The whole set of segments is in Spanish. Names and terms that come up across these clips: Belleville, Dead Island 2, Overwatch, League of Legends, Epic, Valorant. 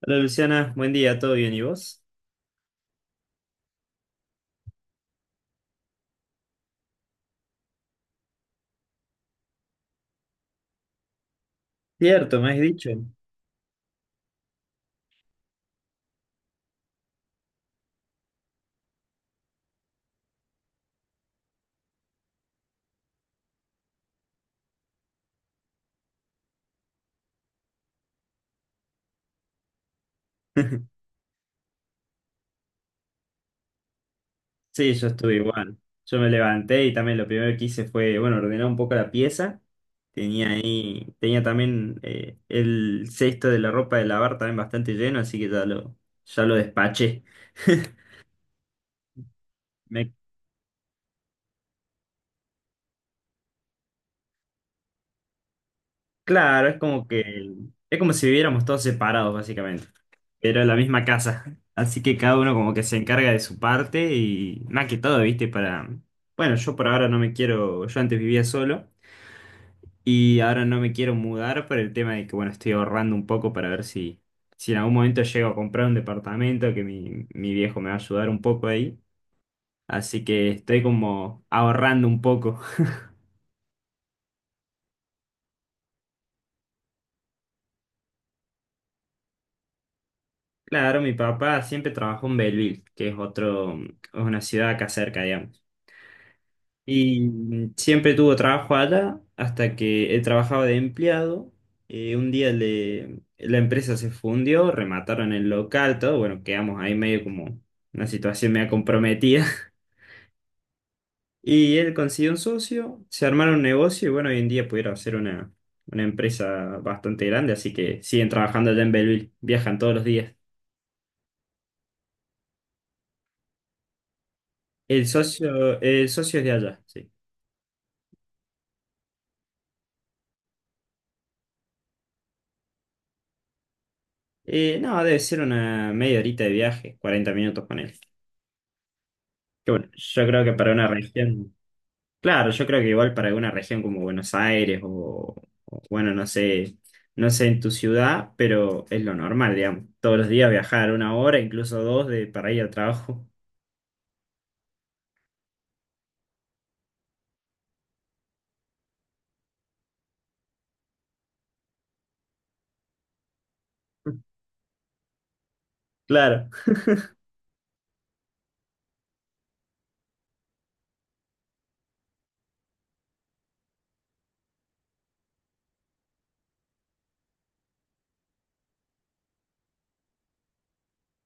Hola Luciana, buen día, ¿todo bien y vos? Cierto, me has dicho. Sí, yo estuve igual. Yo me levanté y también lo primero que hice fue, bueno, ordenar un poco la pieza. Tenía ahí, tenía también el cesto de la ropa de lavar también bastante lleno, así que ya lo despaché. Me Claro, es como si viviéramos todos separados, básicamente. Pero en la misma casa. Así que cada uno como que se encarga de su parte y más que todo, ¿viste? Para... Bueno, yo por ahora no me quiero, yo antes vivía solo y ahora no me quiero mudar por el tema de que, bueno, estoy ahorrando un poco para ver si en algún momento llego a comprar un departamento, que mi viejo me va a ayudar un poco ahí. Así que estoy como ahorrando un poco. Claro, mi papá siempre trabajó en Belleville, que es otro, es una ciudad acá cerca, digamos. Y siempre tuvo trabajo allá hasta que él trabajaba de empleado. Un día la empresa se fundió, remataron el local, todo. Bueno, quedamos ahí medio como una situación medio comprometida. Y él consiguió un socio, se armaron un negocio y bueno, hoy en día pudieron hacer una empresa bastante grande, así que siguen trabajando allá en Belleville, viajan todos los días. El socio es de allá, sí. No, debe ser una media horita de viaje, 40 minutos con él. Que bueno, yo creo que para una región, claro, yo creo que igual para una región como Buenos Aires o, bueno, no sé, no sé en tu ciudad, pero es lo normal, digamos. Todos los días viajar una hora, incluso dos, para ir al trabajo. Claro.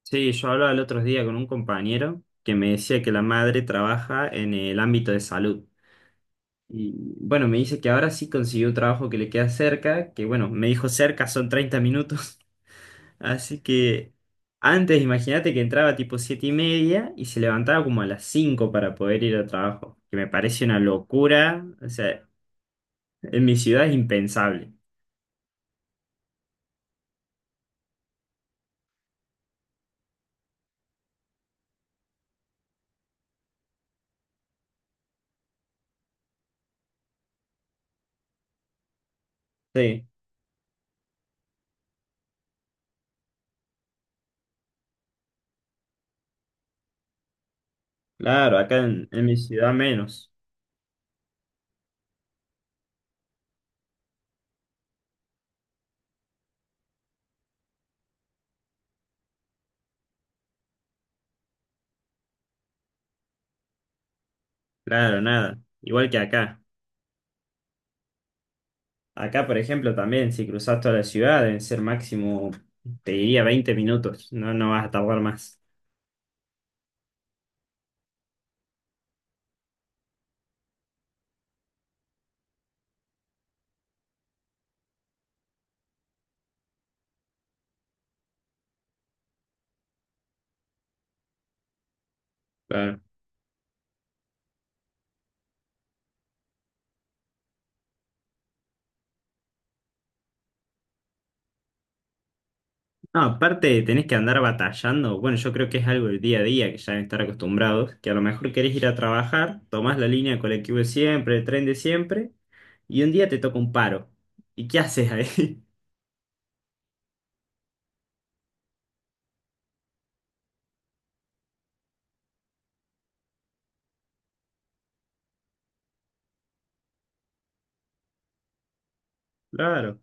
Sí, yo hablaba el otro día con un compañero que me decía que la madre trabaja en el ámbito de salud. Y bueno, me dice que ahora sí consiguió un trabajo que le queda cerca, que bueno, me dijo cerca son 30 minutos. Así que antes imagínate que entraba tipo 7:30 y se levantaba como a las 5 para poder ir al trabajo, que me parece una locura, o sea, en mi ciudad es impensable. Sí, claro, acá en, mi ciudad menos, claro, nada, igual que acá. Acá, por ejemplo, también si cruzas toda la ciudad deben ser máximo, te diría 20 minutos, no, no vas a tardar más. Claro. No, aparte tenés que andar batallando. Bueno, yo creo que es algo del día a día que ya deben estar acostumbrados, que a lo mejor querés ir a trabajar, tomás la línea de colectivo de siempre, el tren de siempre, y un día te toca un paro. ¿Y qué haces ahí? Claro.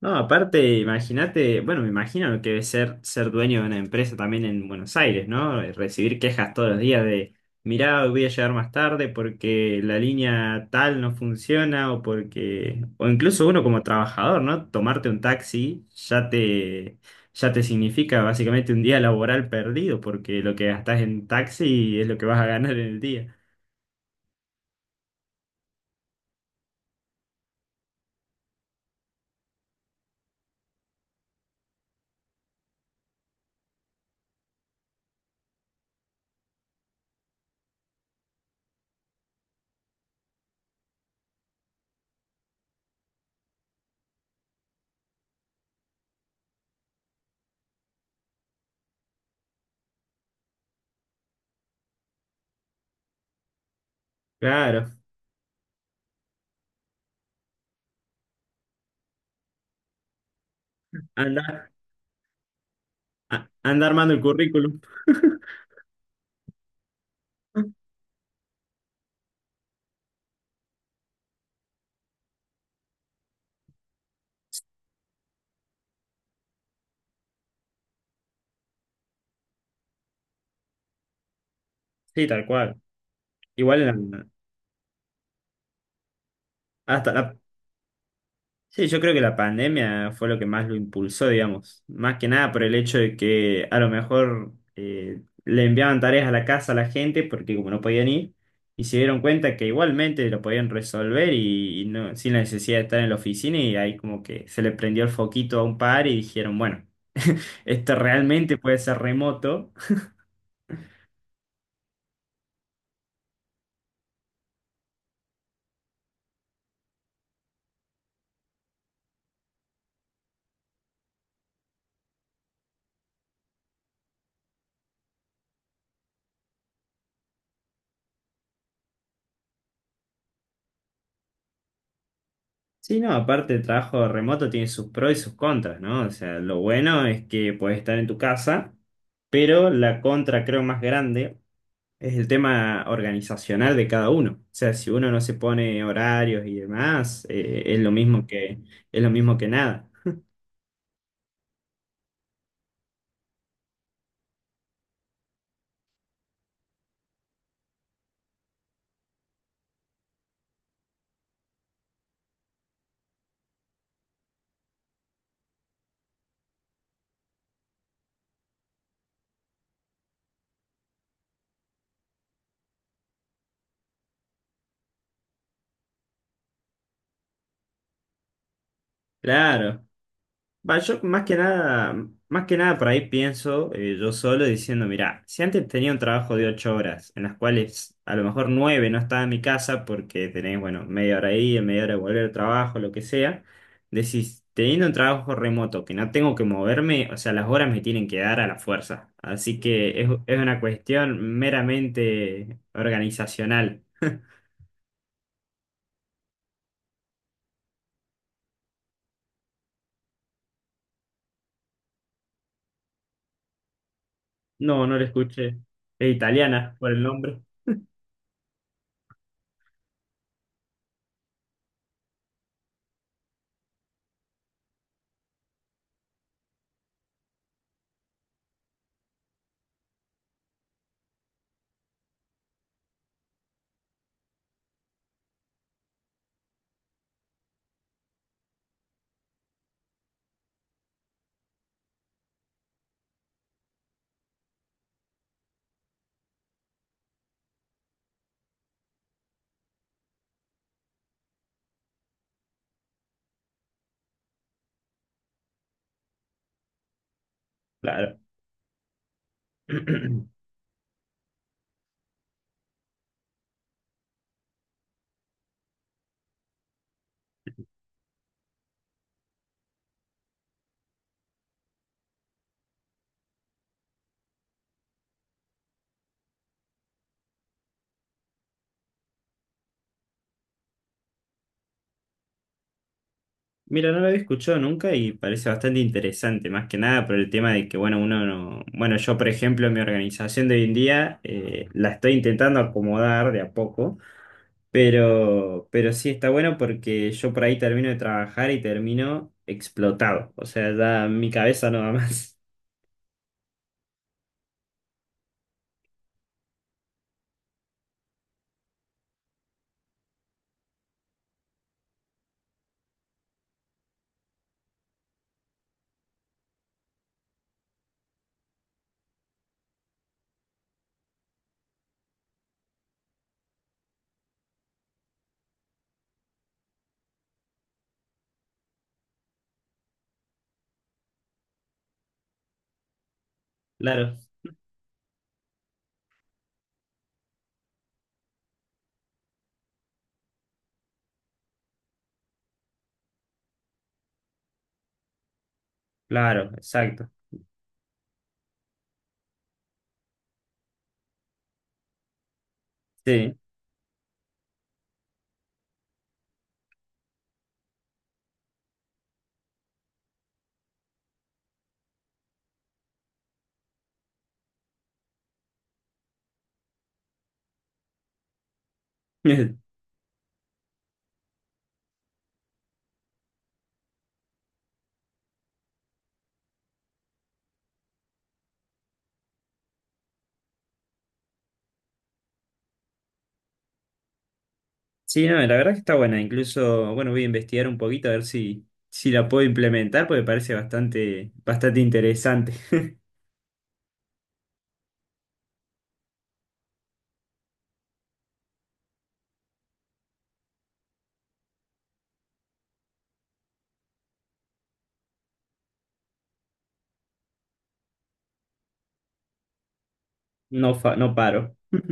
No, aparte, imagínate, bueno, me imagino lo que debe ser dueño de una empresa también en Buenos Aires, ¿no? Recibir quejas todos los días de, mirá, hoy voy a llegar más tarde porque la línea tal no funciona o incluso uno como trabajador, ¿no? Tomarte un taxi ya te significa básicamente un día laboral perdido porque lo que gastás en taxi es lo que vas a ganar en el día. Claro, anda, anda armando el currículum. Sí, tal cual. Igual en la- hasta la Sí, yo creo que la pandemia fue lo que más lo impulsó, digamos. Más que nada por el hecho de que a lo mejor le enviaban tareas a la casa a la gente porque como no podían ir, y se dieron cuenta que igualmente lo podían resolver y no, sin la necesidad de estar en la oficina y ahí como que se le prendió el foquito a un par y dijeron, bueno, esto realmente puede ser remoto. Sí, no, aparte el trabajo remoto tiene sus pros y sus contras, ¿no? O sea, lo bueno es que puedes estar en tu casa. Pero la contra, creo, más grande es el tema organizacional de cada uno. O sea, si uno no se pone horarios y demás, es lo mismo que nada. Claro. Bioshock, más que nada por ahí pienso yo solo diciendo, mira, si antes tenía un trabajo de 8 horas, en las cuales a lo mejor nueve no estaba en mi casa porque tenés, bueno, media hora ahí, media hora de volver al trabajo, lo que sea, decís, teniendo un trabajo remoto que no tengo que moverme, o sea, las horas me tienen que dar a la fuerza. Así que es una cuestión meramente organizacional. No, no lo escuché. Es italiana por el nombre. Claro. Mira, no lo había escuchado nunca y parece bastante interesante, más que nada por el tema de que, bueno, uno no... Bueno, yo, por ejemplo, mi organización de hoy en día la estoy intentando acomodar de a poco, pero sí está bueno porque yo por ahí termino de trabajar y termino explotado, o sea, ya mi cabeza no va más. Claro, claro, exacto. Sí. Sí, no, la verdad que está buena, incluso, bueno, voy a investigar un poquito a ver si, la puedo implementar porque parece bastante, bastante interesante. No, no paro.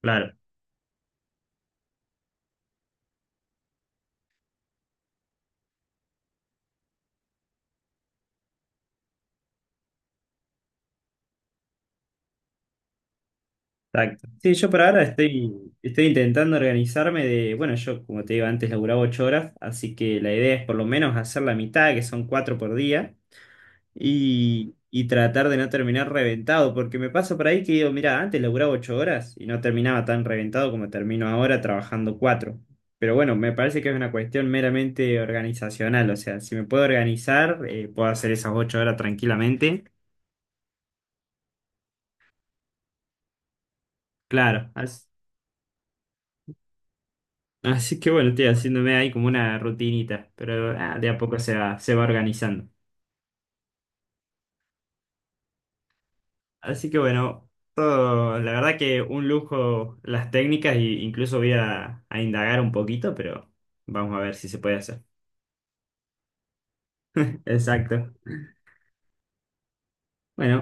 Claro, exacto. Sí, yo por ahora estoy intentando organizarme de, bueno, yo como te digo antes laburaba 8 horas, así que la idea es por lo menos hacer la mitad, que son 4 por día, y tratar de no terminar reventado, porque me pasa por ahí que digo, mira, antes laburaba ocho horas y no terminaba tan reventado como termino ahora trabajando cuatro. Pero bueno, me parece que es una cuestión meramente organizacional, o sea, si me puedo organizar, puedo hacer esas 8 horas tranquilamente. Claro, así que bueno, estoy haciéndome ahí como una rutinita, pero de a poco se va, organizando. Así que bueno, todo, la verdad que un lujo las técnicas e incluso voy a, indagar un poquito, pero vamos a ver si se puede hacer. Exacto. Bueno,